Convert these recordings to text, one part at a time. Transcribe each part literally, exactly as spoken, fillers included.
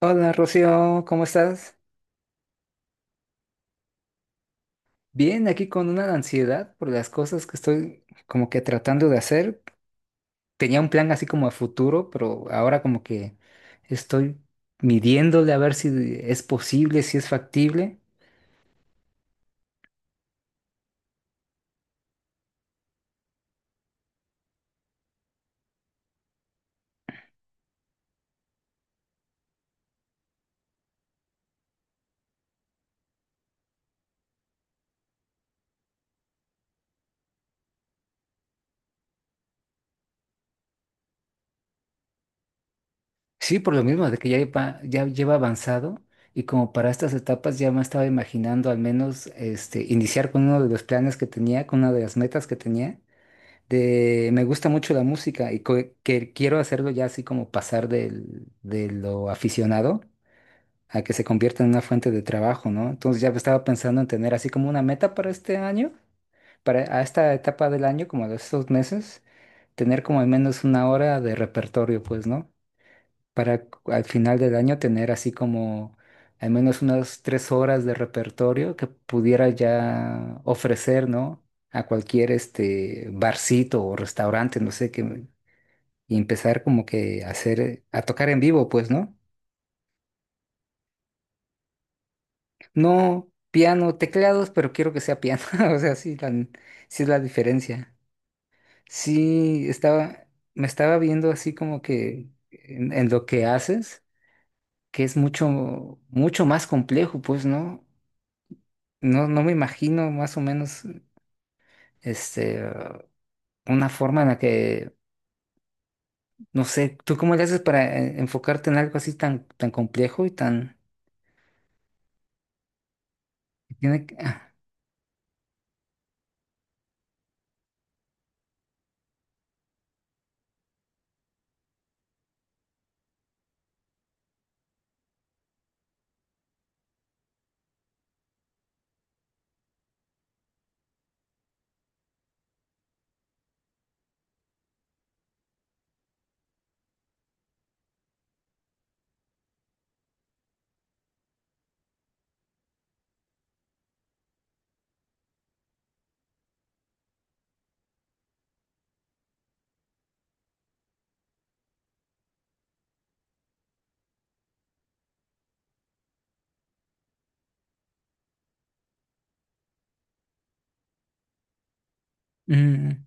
Hola Rocío, ¿cómo estás? Bien, aquí con una ansiedad por las cosas que estoy como que tratando de hacer. Tenía un plan así como a futuro, pero ahora como que estoy midiéndole a ver si es posible, si es factible. Sí, por lo mismo de que ya lleva, ya lleva avanzado y como para estas etapas ya me estaba imaginando al menos este, iniciar con uno de los planes que tenía, con una de las metas que tenía. De- me gusta mucho la música y co- que quiero hacerlo ya así como pasar del, de lo aficionado a que se convierta en una fuente de trabajo, ¿no? Entonces ya estaba pensando en tener así como una meta para este año, para a esta etapa del año, como de estos meses, tener como al menos una hora de repertorio, pues, ¿no? Para cu- al final del año tener así como al menos unas tres horas de repertorio que pudiera ya ofrecer, ¿no? A cualquier este barcito o restaurante, no sé qué, y empezar como que a hacer, a tocar en vivo, pues, ¿no? No piano, teclados, pero quiero que sea piano, o sea, sí, la, sí es la diferencia. Sí, estaba, me estaba viendo así como que en en lo que haces que es mucho, mucho más complejo, pues, ¿no? No, no me imagino más o menos este, ah, una forma en la que, no sé, ¿tú cómo le haces para eh, enfocarte en algo así tan, tan complejo y tan... que Tiene que- ah, mm,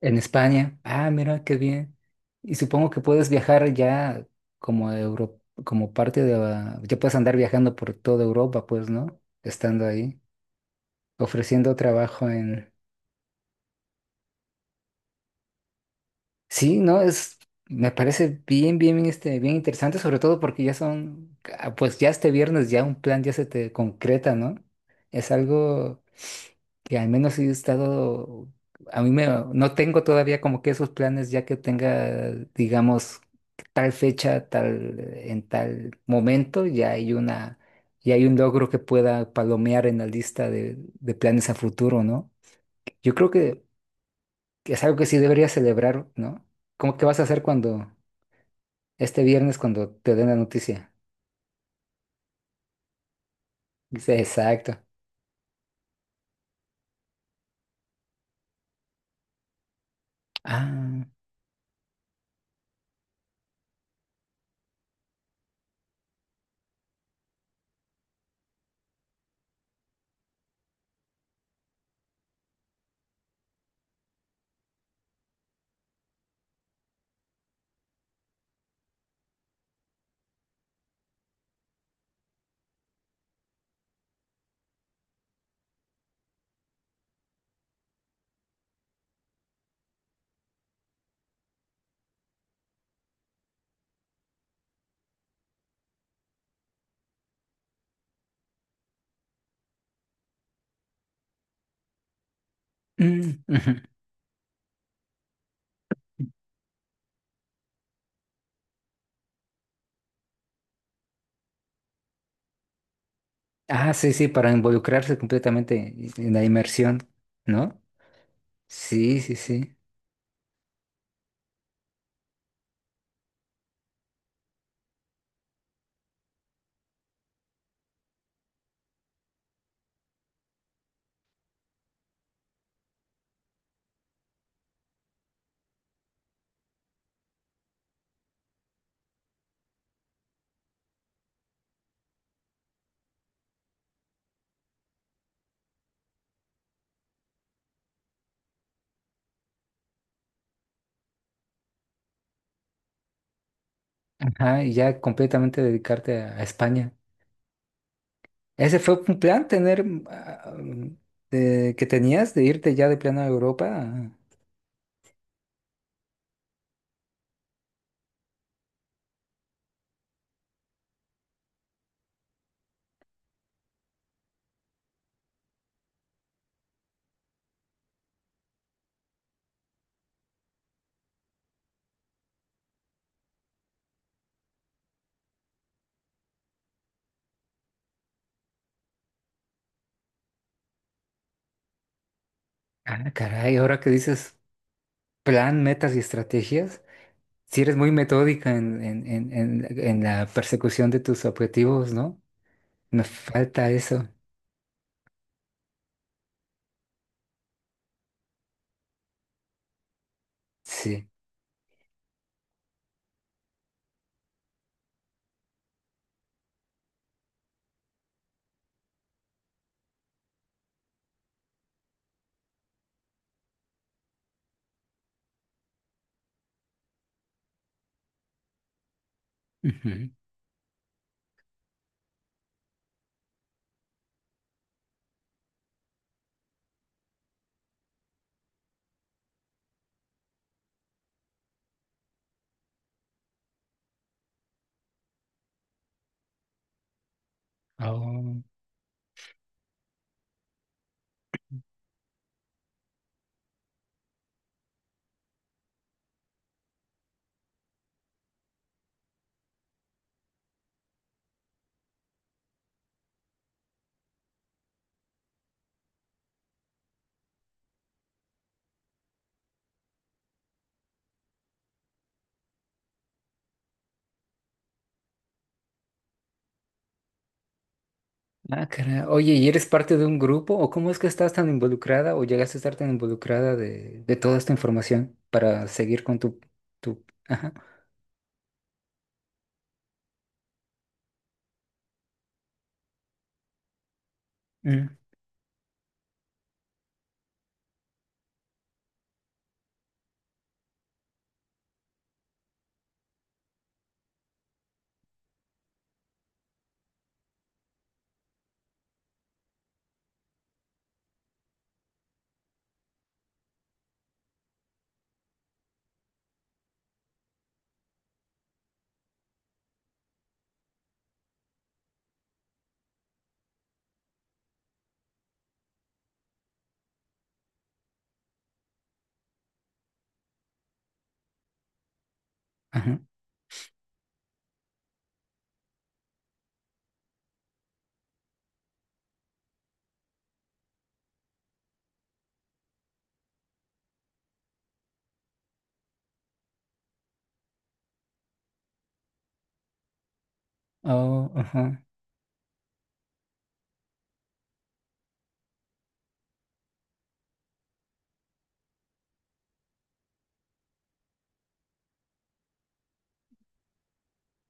en España, ah, mira, qué bien. Y supongo que puedes viajar ya como Euro, como parte de... la- Ya puedes andar viajando por toda Europa, pues, ¿no? Estando ahí, ofreciendo trabajo. Sí, no, es, me parece bien, bien, bien, este, bien interesante, sobre todo porque ya son, ah, pues ya este viernes ya un plan ya se te concreta, ¿no? Es algo que al menos sí he estado, a mí me, no tengo todavía como que esos planes ya que tenga, digamos, tal fecha, tal, en tal momento, ya hay una, ya hay un logro que pueda palomear en la lista de, de planes a futuro, ¿no? Yo creo que que es algo que sí deberías celebrar, ¿no? ¿Cómo que vas a hacer cuando, este viernes, cuando te den la noticia? Dice, exacto. Ah, mm, ujú. Ah, sí, sí, para involucrarse completamente en la inmersión, ¿no? Sí, sí, sí. Ajá, y ya completamente dedicarte a, a España. Ese fue un plan tener ah, um, de- que tenías de irte ya de plano a Europa. Ah, caray, ahora que dices plan, metas y estrategias. Si eres muy metódica en, en, en, en- en la persecución de tus objetivos, ¿no? Nos falta eso. Sí. Ujú. Oh. Ah, caray. Oye, ¿y eres parte de un grupo? ¿O cómo es que estás tan involucrada o llegaste a estar tan involucrada de, de toda esta información para seguir con tu, tu... Ajá. Mm. Ajá. Oh, ajá.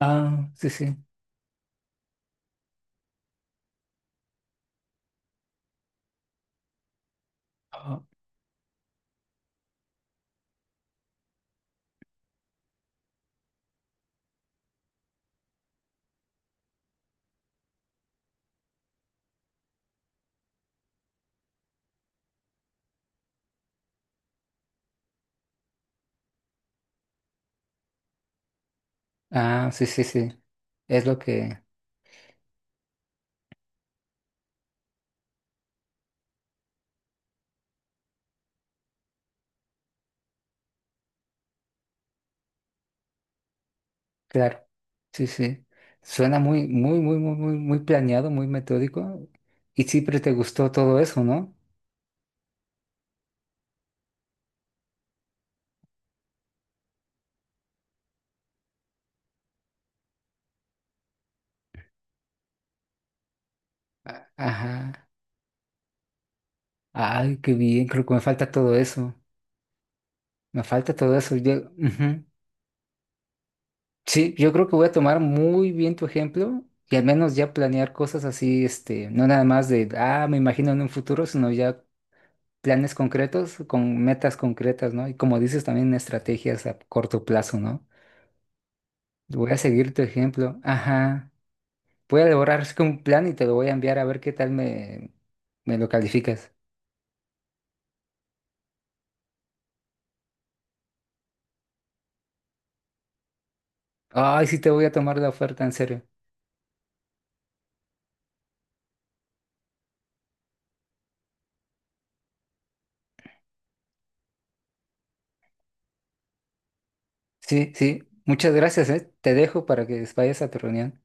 Ah, sí, sí. Oh. Ah, sí, sí, sí. Es lo que... Claro, sí, sí. Suena muy, muy, muy, muy, muy, muy planeado, muy metódico. Y siempre te gustó todo eso, ¿no? Ajá. Ay, qué bien, creo que me falta todo eso. Me falta todo eso. Yo, ujú. Sí, yo creo que voy a tomar muy bien tu ejemplo y al menos ya planear cosas así, este, no nada más de, ah, me imagino en un futuro, sino ya planes concretos con metas concretas, ¿no? Y como dices, también estrategias a corto plazo, ¿no? Voy a seguir tu ejemplo. Ajá. Voy a elaborar así como un plan y te lo voy a enviar a ver qué tal me, me lo calificas. Ay, sí te voy a tomar la oferta, en serio. Sí, sí. Muchas gracias, ¿eh? Te dejo para que vayas a tu reunión.